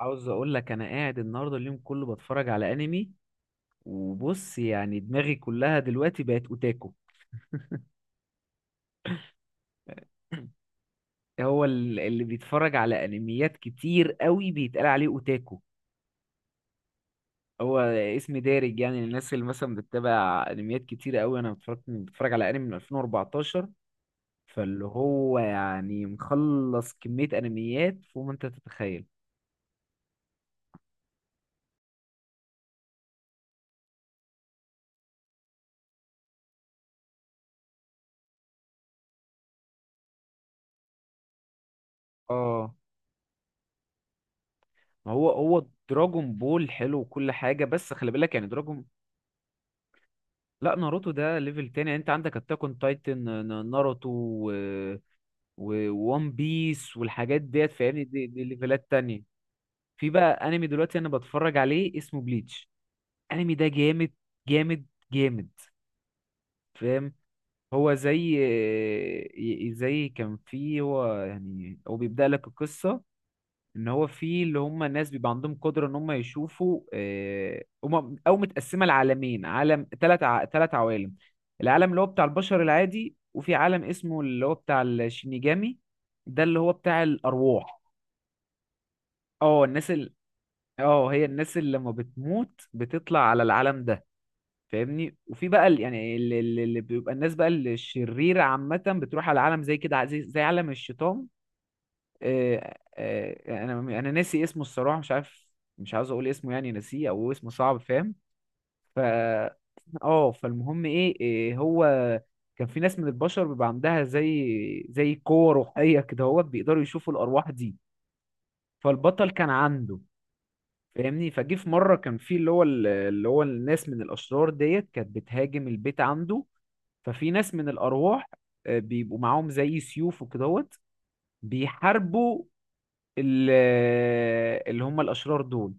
عاوز اقول لك انا قاعد النهارده اليوم كله بتفرج على انمي، وبص يعني دماغي كلها دلوقتي بقت اوتاكو. اللي بيتفرج على انميات كتير قوي بيتقال عليه اوتاكو. هو اسم دارج، يعني الناس اللي مثلا بتتابع انميات كتير قوي. انا بتفرج على انمي من 2014، فاللي هو يعني مخلص كمية انميات فوق ما انت تتخيل. اه، ما هو دراجون بول حلو وكل حاجة، بس خلي بالك يعني دراجون. لا، ناروتو ده ليفل تاني، يعني انت عندك اتاك اون تايتن، ناروتو، و وون بيس والحاجات ديت، فاهمني؟ دي ليفلات تانية. في بقى انمي دلوقتي انا بتفرج عليه اسمه بليتش. انمي ده جامد، جامد، جامد، فاهم؟ هو زي زي كان فيه، هو يعني هو بيبدأ لك القصة، ان هو في اللي هم الناس بيبقى عندهم قدره ان هم يشوفوا، هم او متقسمه لعالمين، عالم 3 عوالم. العالم اللي هو بتاع البشر العادي، وفي عالم اسمه اللي هو بتاع الشينيجامي، ده اللي هو بتاع الارواح. اه، اه، هي الناس اللي لما بتموت بتطلع على العالم ده، فاهمني؟ وفي بقى يعني اللي بيبقى الناس بقى الشريره عامه بتروح على عالم زي كده، زي عالم الشيطان. انا ناسي اسمه الصراحه، مش عارف، مش عاوز اقول اسمه، يعني ناسيه او اسمه صعب، فاهم؟ ف اه، فالمهم ايه إيه، هو كان في ناس من البشر بيبقى عندها زي قوة روحية كده، هو بيقدروا يشوفوا الأرواح دي. فالبطل كان عنده، فاهمني؟ فجه في مرة كان في اللي هو اللي هو الناس من الأشرار ديت كانت بتهاجم البيت عنده. ففي ناس من الأرواح بيبقوا معاهم زي سيوف وكدهوت، بيحاربوا ال- اللي هم الاشرار دول.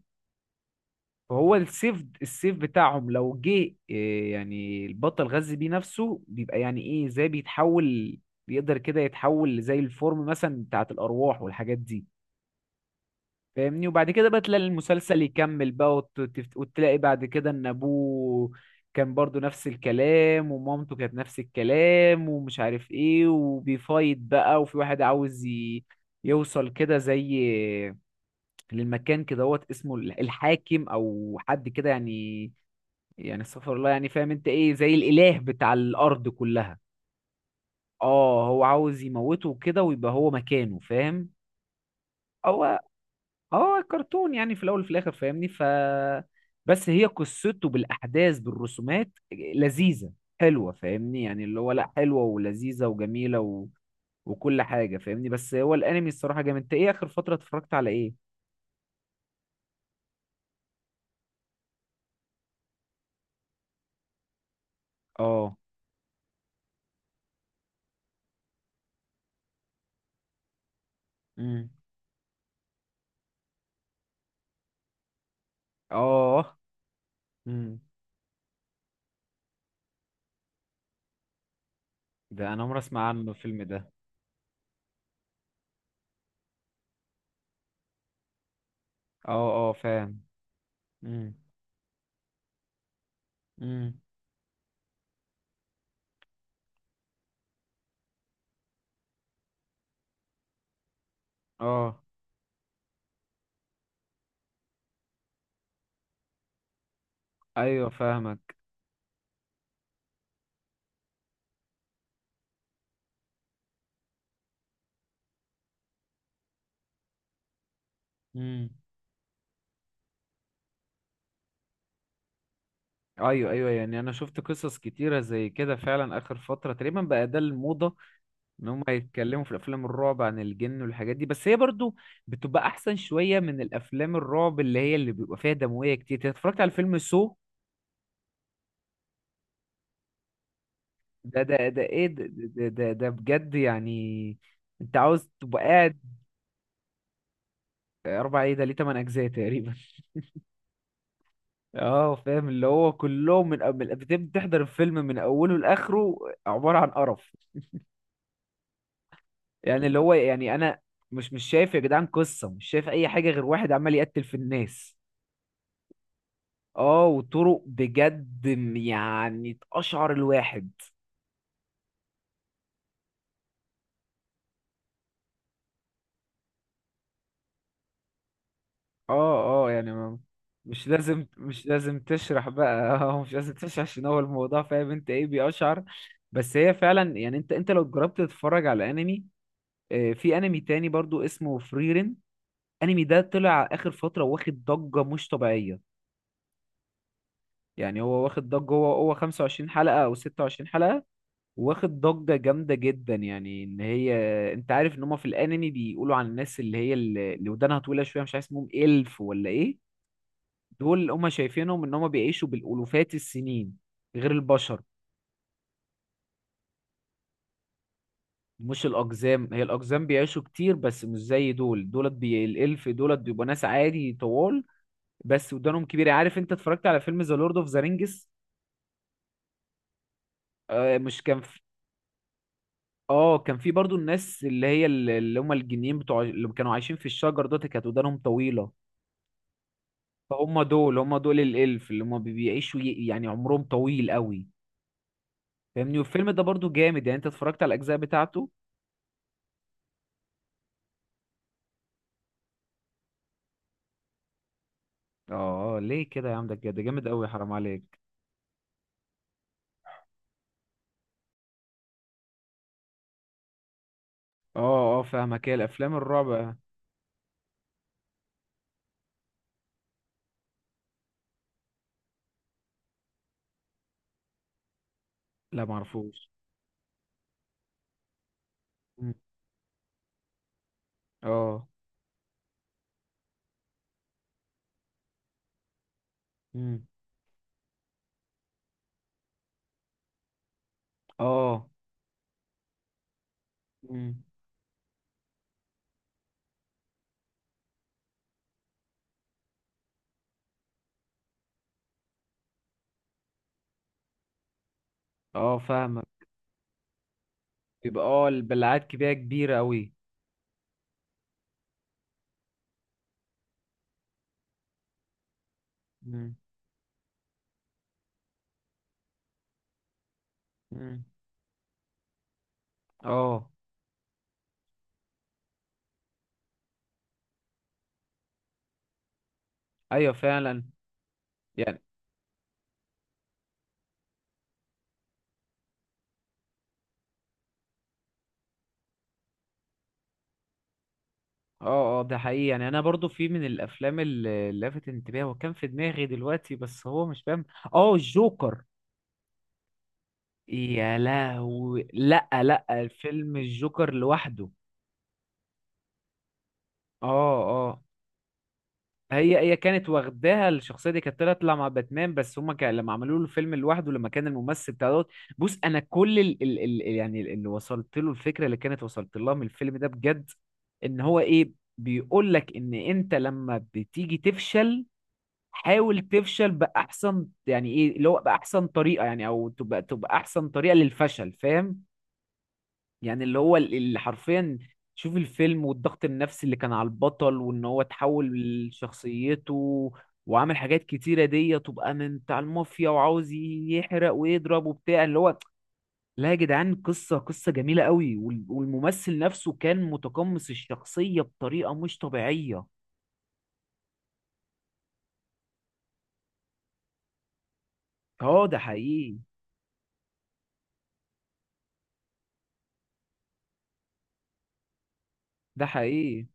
فهو السيف بتاعهم لو جه يعني البطل غذي بيه نفسه بيبقى يعني ايه زي بيتحول، بيقدر كده يتحول زي الفورم مثلا بتاعت الارواح والحاجات دي، فاهمني؟ وبعد كده بقى تلاقي المسلسل يكمل بقى، وتلاقي بعد كده ان ابوه كان برضو نفس الكلام ومامته كانت نفس الكلام ومش عارف ايه، وبيفايت بقى، وفي واحد عاوز يوصل كده زي للمكان كدهوت اسمه الحاكم او حد كده، يعني يعني استغفر الله، يعني فاهم انت ايه، زي الاله بتاع الارض كلها. اه، هو عاوز يموته كده ويبقى هو مكانه، فاهم؟ هو هو كرتون يعني في الاول وفي الاخر، فاهمني؟ بس هي قصته بالاحداث، بالرسومات لذيذه، حلوه، فاهمني؟ يعني اللي هو لا حلوه ولذيذه وجميله وكل حاجه، فاهمني؟ بس هو الانمي الصراحه جامد. انت ايه اخر فتره اتفرجت على ايه؟ اه. امم اه. امم ده انا عمري اسمع عنه الفيلم ده. اه اه، فاهم. امم امم اه. ايوه، فاهمك. امم ايوه ايوه، يعني انا شفت قصص كتيره زي كده فعلا. اخر فتره تقريبا بقى ده الموضه، ان هم يتكلموا في الافلام الرعب عن الجن والحاجات دي، بس هي برضو بتبقى احسن شويه من الافلام الرعب اللي هي اللي بيبقى فيها دمويه كتير. أنت اتفرجت على فيلم سو؟ ده ايه، ده بجد يعني، انت عاوز تبقى قاعد؟ اربع ايه؟ ده ليه 8 اجزاء تقريبا. اه، فاهم. اللي هو كلهم من أول بتحضر الفيلم من اوله لاخره، عباره عن قرف، يعني اللي هو يعني انا مش شايف يا جدعان قصه، مش شايف اي حاجه غير واحد عمال يقتل في الناس. اه، وطرق بجد يعني تقشعر الواحد. اه اه، يعني ما مش لازم، مش لازم تشرح بقى اه، مش لازم تشرح، عشان هو الموضوع فاهم انت ايه، بيقشعر. بس هي فعلا، يعني انت لو جربت تتفرج على انمي، في انمي تاني برضو اسمه فريرين. الانمي ده طلع اخر فتره، واخد ضجه مش طبيعيه. يعني هو واخد ضجه، هو 25 حلقه او 26 حلقه، واخد ضجه جامده جدا. يعني ان هي، انت عارف ان هم في الانمي بيقولوا عن الناس اللي هي اللي ودانها طويله شويه، مش عارف اسمهم الف ولا ايه. دول اللي هم شايفينهم ان هم بيعيشوا بالالوفات السنين، غير البشر. مش الاقزام، هي الاقزام بيعيشوا كتير بس مش زي دول، الالف دولت بيبقوا ناس عادي طوال، بس ودانهم كبيره. عارف انت اتفرجت على فيلم ذا لورد اوف ذا رينجز؟ مش كان في، اه، كان في برضو الناس اللي هي اللي هم الجنيين بتوع اللي كانوا عايشين في الشجر، دول كانت ودانهم طويلة. فهم دول، هم دول الالف، اللي هم بيعيشوا، يعني عمرهم طويل قوي، فاهمني؟ والفيلم ده برضو جامد. يعني انت اتفرجت على الاجزاء بتاعته؟ اه ليه كده يا عم، ده كده ده جامد قوي، حرام عليك. اه اه، فاهمك. هي الافلام الرعب. لا، معرفوش. مم. اه. مم. اه. مم. اه، فاهمك. بيبقى اه، البلعات كبيرة، كبيرة قوي. مم. مم. اه. ايوه فعلا، يعني. اه اه، ده حقيقي، يعني انا برضو في من الافلام اللي لفت انتباهي وكان في دماغي دلوقتي، بس هو مش فاهم. اه، الجوكر. يا لهوي، لا لا، الفيلم الجوكر لوحده. اه. اه. هي كانت واخداها الشخصيه دي، كانت تطلع مع باتمان، بس هما كان لما عملوا له الفيلم لوحده، لما كان الممثل بتاع دوت. بص انا كل ال يعني اللي وصلت له الفكره اللي كانت وصلت لها من الفيلم ده بجد، ان هو ايه، بيقول لك ان انت لما بتيجي تفشل، حاول تفشل باحسن، يعني ايه اللي هو باحسن طريقه، يعني او تبقى احسن طريقه للفشل، فاهم؟ يعني اللي هو اللي حرفيا، شوف الفيلم والضغط النفسي اللي كان على البطل وان هو تحول لشخصيته، وعامل حاجات كتيره دي تبقى من بتاع المافيا وعاوز يحرق ويضرب وبتاع، اللي هو لا يا جدعان، قصه، قصه جميله قوي، والممثل نفسه كان متقمص الشخصيه بطريقه مش طبيعيه. اه، ده حقيقي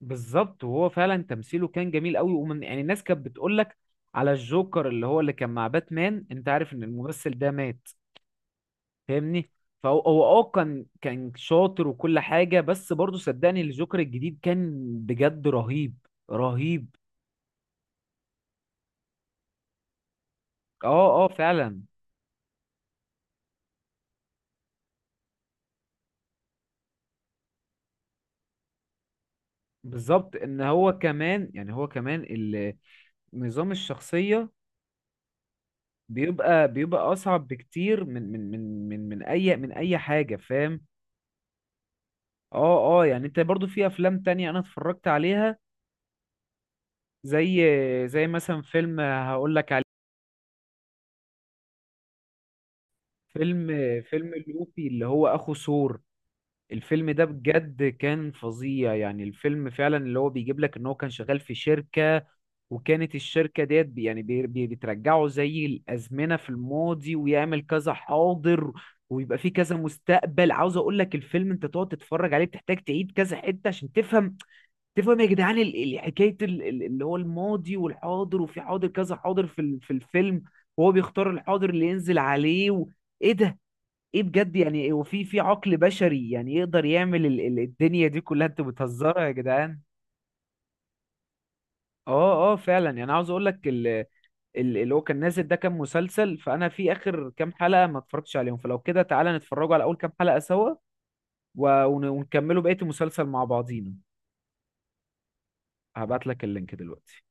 بالظبط. وهو فعلا تمثيله كان جميل قوي، ومن يعني الناس كانت بتقول لك على الجوكر اللي هو اللي كان مع باتمان. انت عارف ان الممثل ده مات، فاهمني؟ فهو كان شاطر وكل حاجه، بس برضه صدقني الجوكر الجديد كان بجد رهيب، رهيب. اه اه فعلا، بالظبط. ان هو كمان، يعني هو كمان نظام الشخصيه بيبقى اصعب بكتير من اي حاجه، فاهم؟ اه اه، يعني انت برضو في افلام تانية انا اتفرجت عليها، زي مثلا فيلم هقول لك عليه، فيلم فيلم لوفي اللي هو اخو ثور. الفيلم ده بجد كان فظيع، يعني الفيلم فعلا اللي هو بيجيب لك ان هو كان شغال في شركة، وكانت الشركة ديت بترجعه زي الازمنة في الماضي، ويعمل كذا حاضر، ويبقى فيه كذا مستقبل. عاوز اقول لك الفيلم، انت تقعد تتفرج عليه بتحتاج تعيد كذا حتة عشان تفهم، يا جدعان حكايه اللي هو الماضي والحاضر، وفي حاضر كذا حاضر في في الفيلم، وهو بيختار الحاضر اللي ينزل عليه ايه ده، ايه بجد يعني، هو في في عقل بشري يعني يقدر يعمل الدنيا دي كلها، انتوا بتهزروا يا جدعان. اه اه فعلا، يعني عاوز اقول لك اللي هو كان نازل ده كان مسلسل، فانا في اخر كام حلقه ما اتفرجتش عليهم، فلو كده تعالى نتفرجوا على اول كام حلقه سوا، ونكملوا بقيه المسلسل مع بعضينا. هبعت لك اللينك دلوقتي.